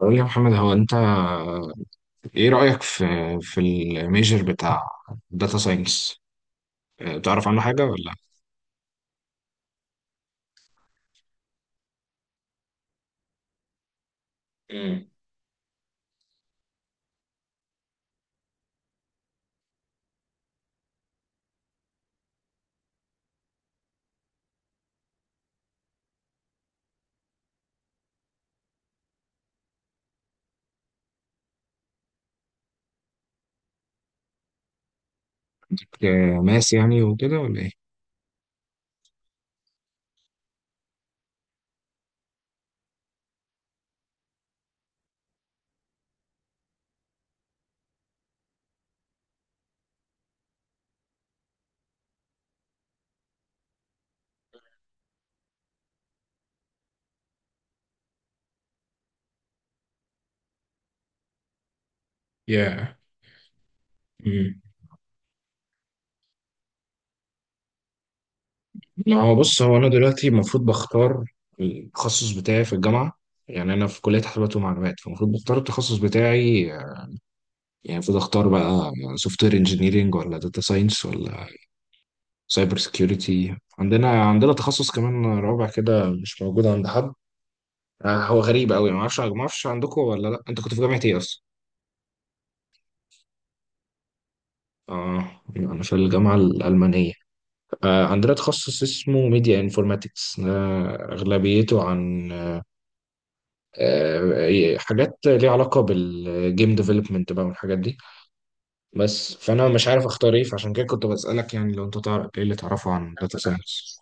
قول لي يا محمد، هو انت ايه رأيك في الميجر بتاع داتا ساينس؟ بتعرف عنه حاجة ولا؟ امم ماس يعني وكده، ولا ايه؟ يا امم لا، هو بص، هو انا دلوقتي المفروض بختار التخصص بتاعي في الجامعة. يعني انا في كلية حسابات ومعلومات، فالمفروض بختار التخصص بتاعي، يعني المفروض اختار بقى سوفت وير انجينيرنج، ولا داتا ساينس، ولا سايبر سكيورتي. عندنا تخصص كمان رابع كده مش موجود عند حد. هو غريب قوي. ما اعرفش عندكم ولا لا. انت كنت في جامعه ايه اصلا؟ اه، انا في الجامعه الالمانيه. عندنا تخصص اسمه ميديا انفورماتكس، اغلبيته عن حاجات ليها علاقه بالجيم ديفلوبمنت بقى والحاجات دي. بس فانا مش عارف اختار ايه، فعشان كده كنت بسالك، يعني لو انت تعرف ايه اللي تعرفه عن داتا ساينس.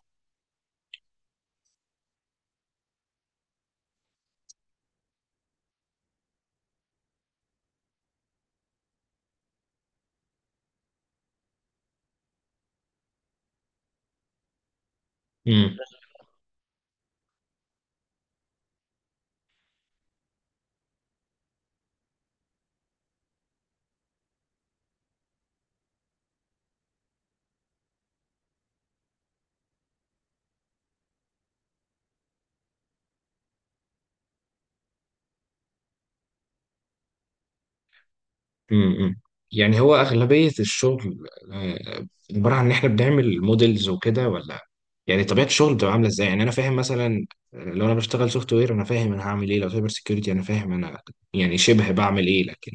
امم يعني هو أغلبية الشغل آه، عبارة عن إن إحنا بنعمل موديلز وكده، ولا يعني طبيعة الشغل بتبقى عاملة إزاي؟ يعني أنا فاهم مثلا، لو أنا بشتغل سوفت وير أنا فاهم أنا هعمل إيه، لو سايبر سيكيورتي أنا فاهم أنا يعني شبه بعمل إيه، لكن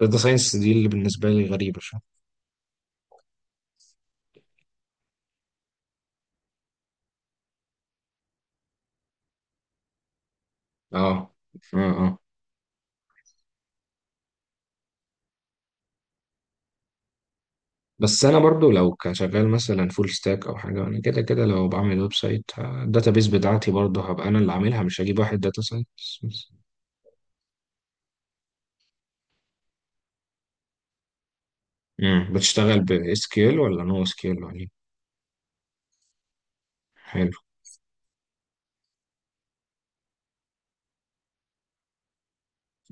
داتا ساينس دي اللي بالنسبة لي غريبة شوية. أه، أه، أه. بس أنا برضو لو كشغال مثلا فول ستاك أو حاجة، أنا كده كده لو بعمل ويب سايت الداتا بيس بتاعتي برضو هبقى أنا اللي عاملها، مش هجيب واحد داتا ساينس. بتشتغل ب SQL ولا نو SQL ولا؟ حلو.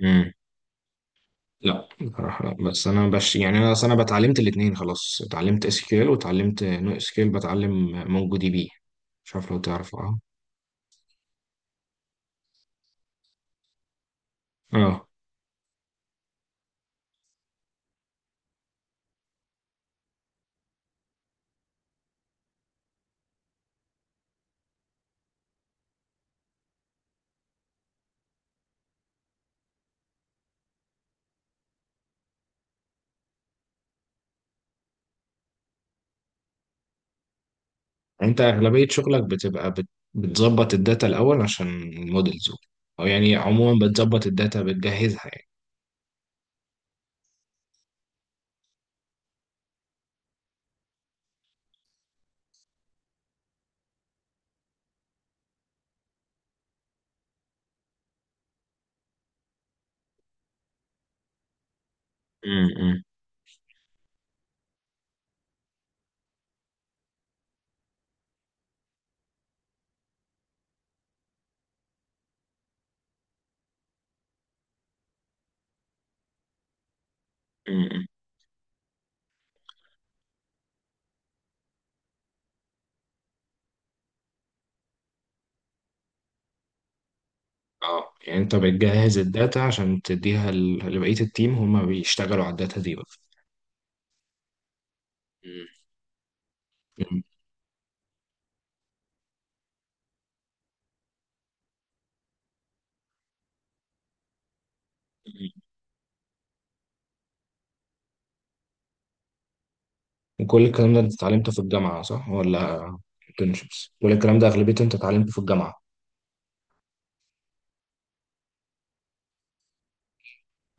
امم لا بصراحه لا، بس انا بش يعني، انا اصل انا بتعلمت الاثنين خلاص، اتعلمت اس كيل واتعلمت نو اس كيل، بتعلم مونجو دي بي، مش عارف لو تعرف، اه. اه، انت اغلبيه شغلك بتبقى بتظبط الداتا الاول عشان المودلز، او يعني عموما بتظبط الداتا بتجهزها يعني؟ امم امم. اه، يعني انت بتجهز الداتا عشان تديها لبقيه التيم هما بيشتغلوا على الداتا دي بقى؟ مم. وكل الكلام ده انت اتعلمته في الجامعة صح، ولا internships؟ كل الكلام ده أغلبيته انت اتعلمته في الجامعة؟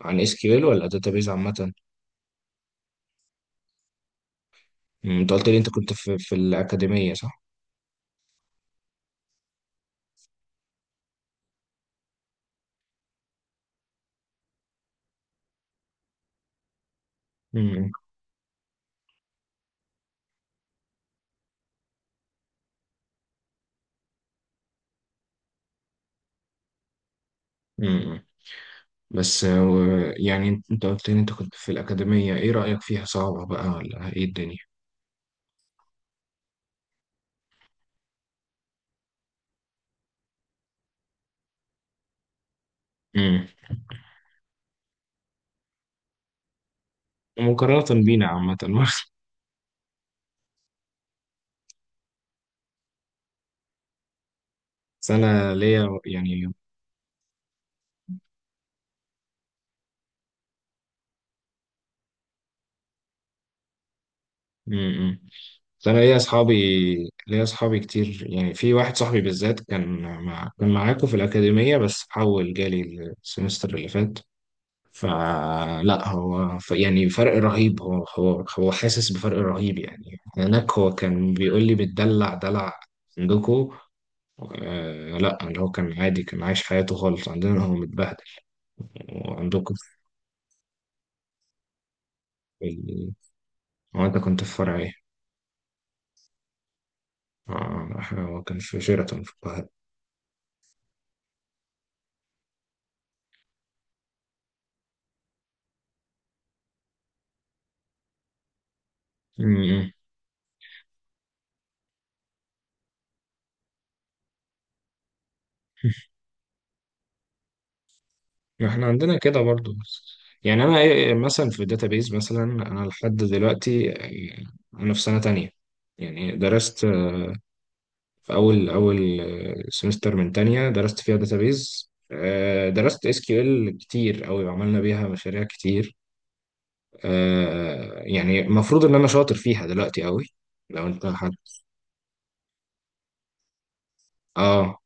عن اس كيو ال ولا داتابيز عامة؟ انت قلت لي انت كنت في, الأكاديمية صح؟ مم، مم. بس يعني انت قلت لي انت كنت في الأكاديمية، ايه رأيك فيها؟ صعبة بقى ولا ايه الدنيا؟ مم. مقارنة بينا عامة. بس انا ليا يعني، امم انا ليا اصحابي كتير. يعني في واحد صاحبي بالذات كان كان معاكم في الاكاديميه بس حول جالي السمستر اللي فات. فلا هو يعني فرق رهيب، هو حاسس بفرق رهيب. يعني هناك هو كان بيقول لي بتدلع دلع عندكم. آه لا، اللي هو كان عادي كان عايش حياته خالص، عندنا هو متبهدل. وعندكم في ال... هو انت كنت في فرع ايه؟ هو كان في شيراتون في القاهره. امم ما احنا عندنا كده برضو. يعني انا مثلا في الداتابيز، مثلا انا لحد دلوقتي انا في سنة تانية، يعني درست في اول سمستر من تانية درست فيها داتابيز. درست اس كيو ال كتير قوي وعملنا بيها مشاريع كتير. يعني المفروض ان انا شاطر فيها دلوقتي قوي. لو انت حد، اه،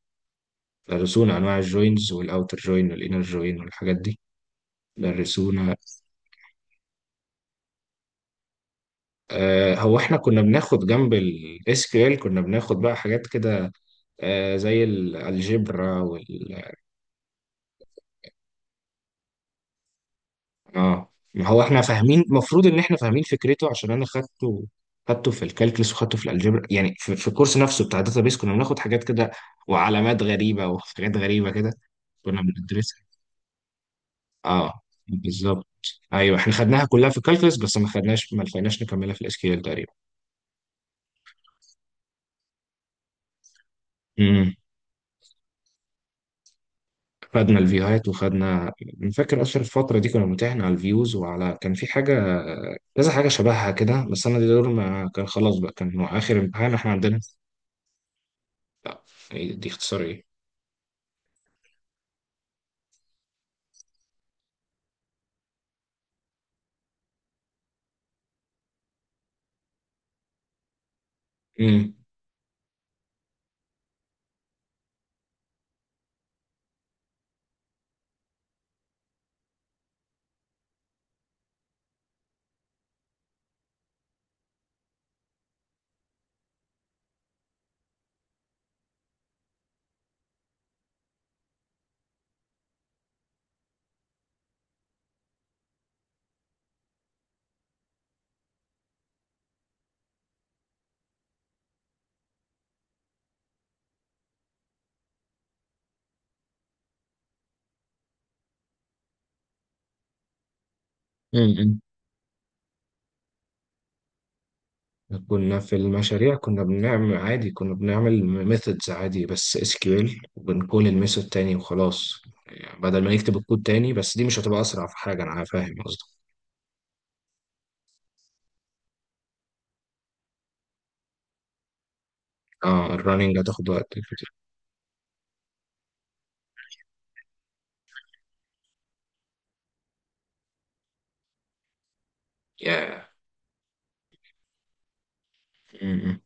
درسونا انواع الجوينز والاوتر جوين والانر جوين والحاجات دي. درسونا. هو احنا كنا بناخد جنب الاس كيو ال SQL كنا بناخد بقى حاجات كده، زي الالجبرا. اه، ما هو احنا فاهمين، المفروض ان احنا فاهمين فكرته عشان انا خدته، خدته في الكالكلس وخدته في الالجبرا، يعني في, الكورس نفسه بتاع بيس كنا بناخد حاجات كده وعلامات غريبة وحاجات غريبة كده كنا بندرسها. اه، بالظبط. ايوه احنا خدناها كلها في الكالكلس، بس ما لحقناش نكملها في الاس كيو ال. تقريبا. خدنا الفيوهات أنا فاكر اصلا الفتره دي كنا بنمتحن على الفيوز وعلى كان في حاجه، كذا حاجه شبهها كده. بس انا دي دول ما كان خلاص بقى، كان هو اخر امتحان احنا عندنا. إيه دي اختصار ايه؟ امم امم. كنا في المشاريع كنا بنعمل عادي، كنا بنعمل ميثودز عادي بس اس كيو ال، وبنقول الميثود تاني وخلاص. يعني بدل ما نكتب الكود تاني، بس دي مش هتبقى اسرع في حاجه، انا فاهم قصدك. اه، الرننج هتاخد وقت كتير. ياه. yeah.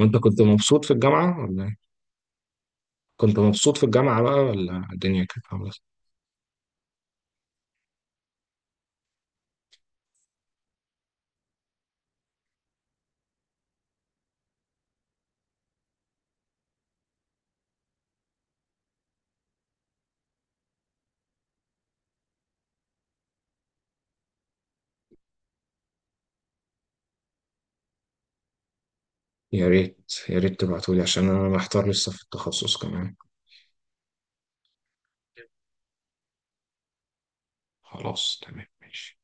وانت كنت مبسوط في الجامعه ولا؟ كنت مبسوط في الجامعة بقى ولا الدنيا كانت عاملة إزاي؟ يا ريت يا ريت تبعتولي عشان أنا محتار لسه في التخصص كمان. خلاص تمام ماشي.